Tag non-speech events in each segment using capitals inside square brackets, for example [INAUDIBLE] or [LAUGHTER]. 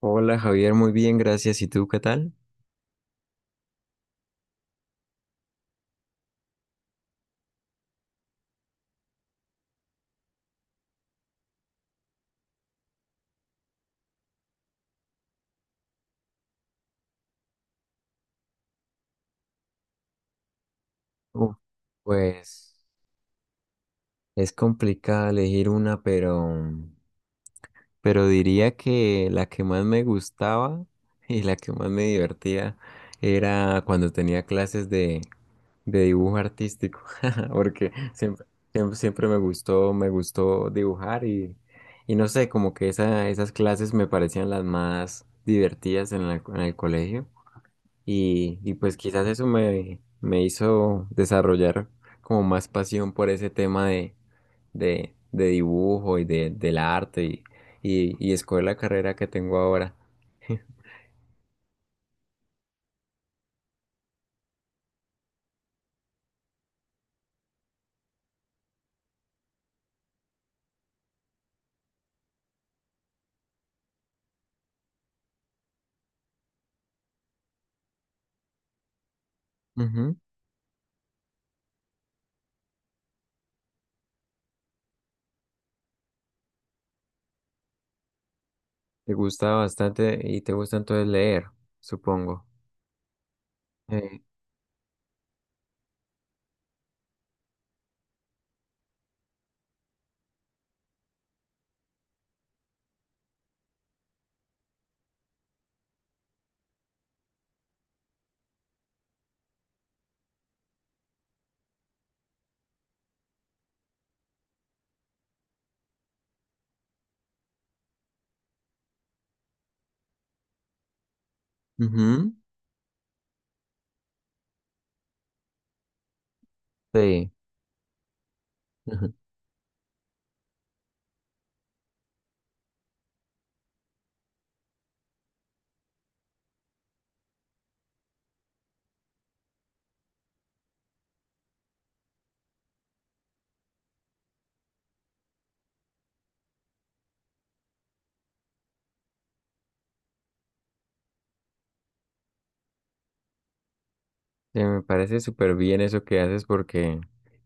Hola Javier, muy bien, gracias. ¿Y tú qué tal? Uf, Pues es complicado elegir una, pero diría que la que más me gustaba [LAUGHS] y la que más me divertía era cuando tenía de dibujo artístico, [LAUGHS] porque siempre me gustó dibujar y, no sé, como que esas clases me parecían las más divertidas en en el colegio. Pues quizás eso me hizo desarrollar como más pasión por ese tema de dibujo del arte y escoger la carrera que tengo ahora. [LAUGHS] Ujú. Te gusta bastante y te gusta entonces leer, supongo. Eh, ujú, sí. [LAUGHS] Me parece súper bien eso que haces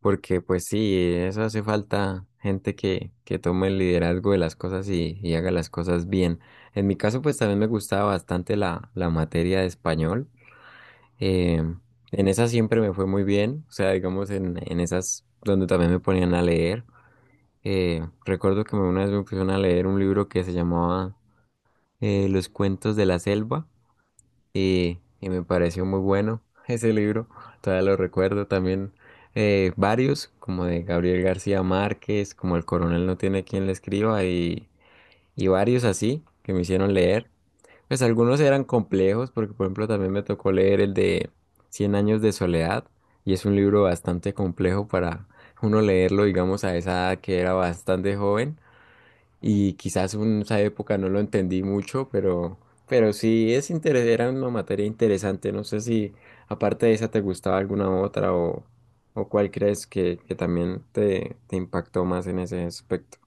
porque pues sí, eso hace falta gente que tome el liderazgo de las cosas y haga las cosas bien. En mi caso pues también me gustaba bastante la materia de español. Eh, en esa siempre me fue muy bien, o sea, digamos en esas donde también me ponían a leer. Recuerdo que una vez me pusieron a leer un libro que se llamaba Los cuentos de la selva y me pareció muy bueno [LAUGHS] ese libro, todavía lo recuerdo también varios, como de Gabriel García Márquez, como El Coronel no tiene quien le escriba y varios así que me hicieron leer. Pues algunos eran complejos porque por ejemplo también me tocó leer el de Cien años de soledad y es un libro bastante complejo para uno leerlo digamos a esa edad que era bastante joven y quizás en esa época no lo entendí mucho, pero sí es interes era una materia interesante. No sé si aparte de esa te gustaba alguna otra o cuál crees que también te impactó más en ese aspecto.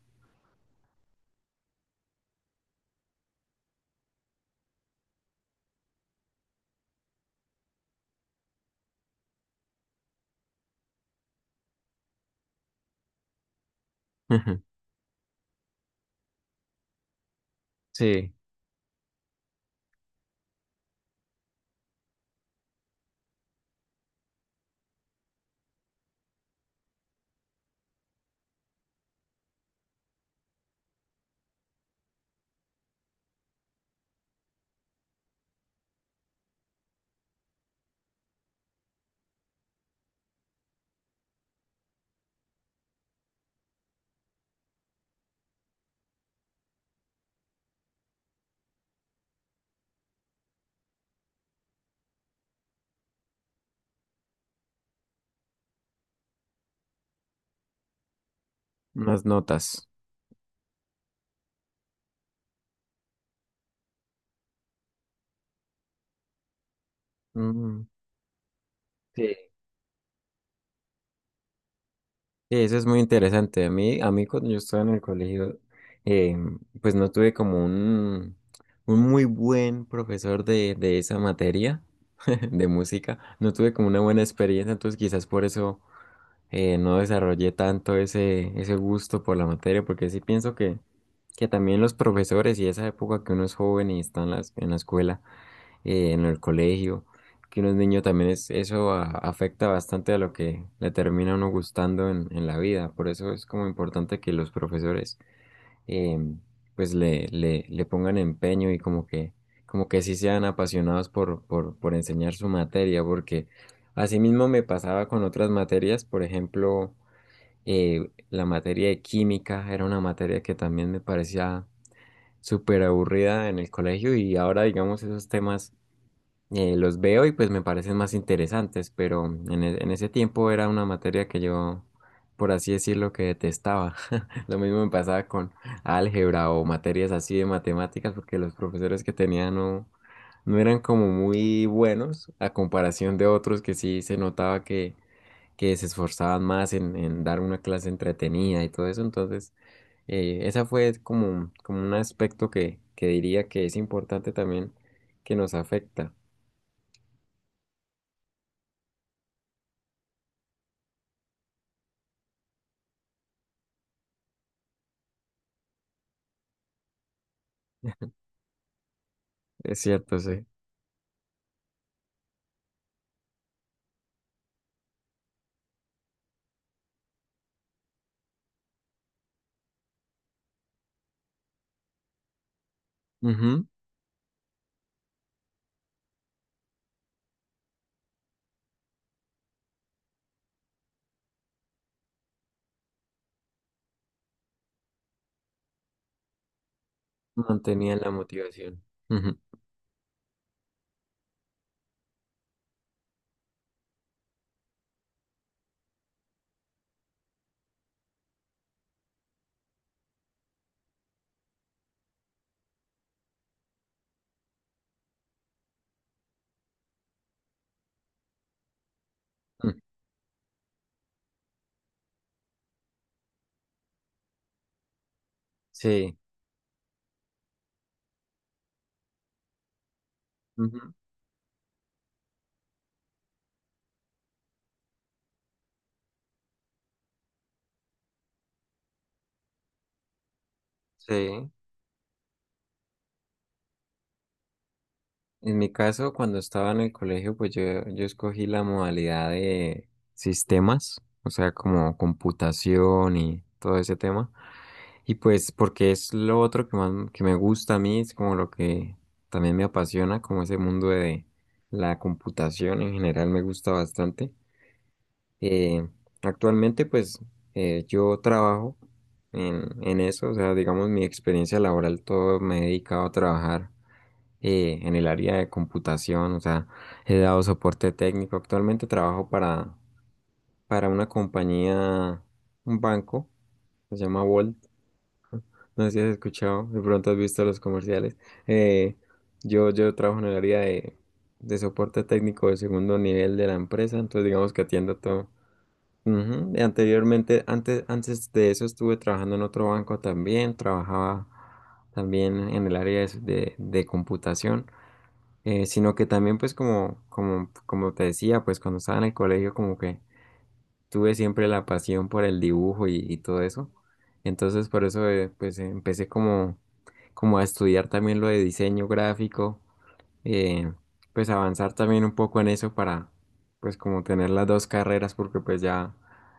[LAUGHS] Sí. Las notas. Mm. Sí, eso es muy interesante. A mí cuando yo estaba en el colegio, eh, pues no tuve como un muy buen profesor de esa materia, [LAUGHS] de música. No tuve como una buena experiencia, entonces quizás por eso no desarrollé tanto ese gusto por la materia, porque sí pienso que también los profesores y esa época que uno es joven y está en en la escuela, en el colegio, que uno es niño también es, afecta bastante a lo que le termina a uno gustando en la vida. Por eso es como importante que los profesores eh, pues le pongan empeño y como como que sí sean apasionados por enseñar su materia, porque asimismo me pasaba con otras materias, por ejemplo, la materia de química era una materia que también me parecía súper aburrida en el colegio y ahora digamos esos temas los veo y pues me parecen más interesantes, pero en ese tiempo era una materia que yo, por así decirlo, que detestaba. [LAUGHS] Lo mismo me pasaba con álgebra o materias así de matemáticas, porque los profesores que tenía no eran como muy buenos a comparación de otros que sí se notaba que se esforzaban más en dar una clase entretenida y todo eso. Entonces, esa fue como un aspecto que diría que es importante también que nos afecta. Es cierto, sí. Ujú. Mantenía la motivación. Ujú. Mm. Sí. Ujú. Sí. En mi caso, cuando estaba en el colegio, yo escogí la modalidad de sistemas, o sea, como computación y todo ese tema. Y pues porque es lo otro que más que me gusta a mí, es como lo que también me apasiona, como ese mundo de la computación en general me gusta bastante. Eh, actualmente, yo trabajo en eso, o sea, digamos, mi experiencia laboral, todo me he dedicado a trabajar en el área de computación, o sea, he dado soporte técnico. Actualmente trabajo para una compañía, un banco, se llama Volt. No sé si has escuchado, de pronto has visto los comerciales. Eh, yo trabajo en el área de soporte técnico de segundo nivel de la empresa, entonces digamos que atiendo todo. Ujú, y anteriormente, antes de eso estuve trabajando en otro banco también, trabajaba también en el área de computación, sino que también pues como te decía, pues cuando estaba en el colegio como que tuve siempre la pasión por el dibujo y todo eso, entonces por eso pues empecé como a estudiar también lo de diseño gráfico, eh, pues avanzar también un poco en eso para pues como tener las dos carreras porque pues ya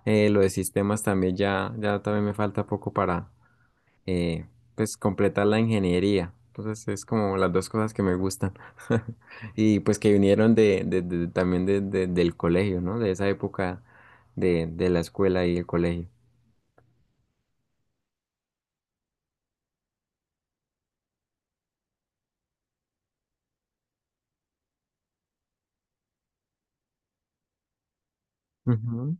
lo de sistemas también ya también me falta poco para eh, pues completar la ingeniería. Entonces es como las dos cosas que me gustan [LAUGHS] y pues que vinieron también del colegio, ¿no? De esa época de la escuela y el colegio. Ujú.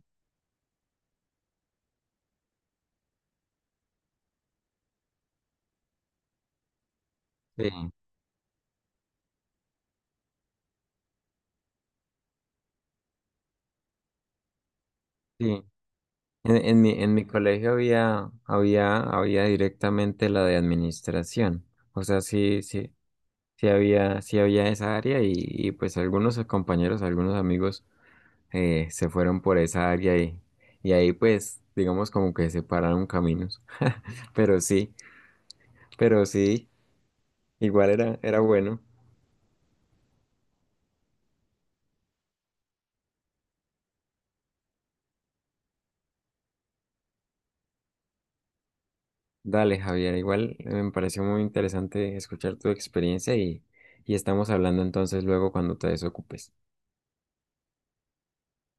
Sí, sí. En mi, colegio había directamente la de administración. O sea, sí, sí, sí había esa área y pues algunos compañeros, algunos amigos se fueron por esa área y ahí pues digamos como que separaron caminos. [LAUGHS] Pero sí, igual era, era bueno. Dale, Javier, igual me pareció muy interesante escuchar tu experiencia y estamos hablando entonces luego cuando te desocupes.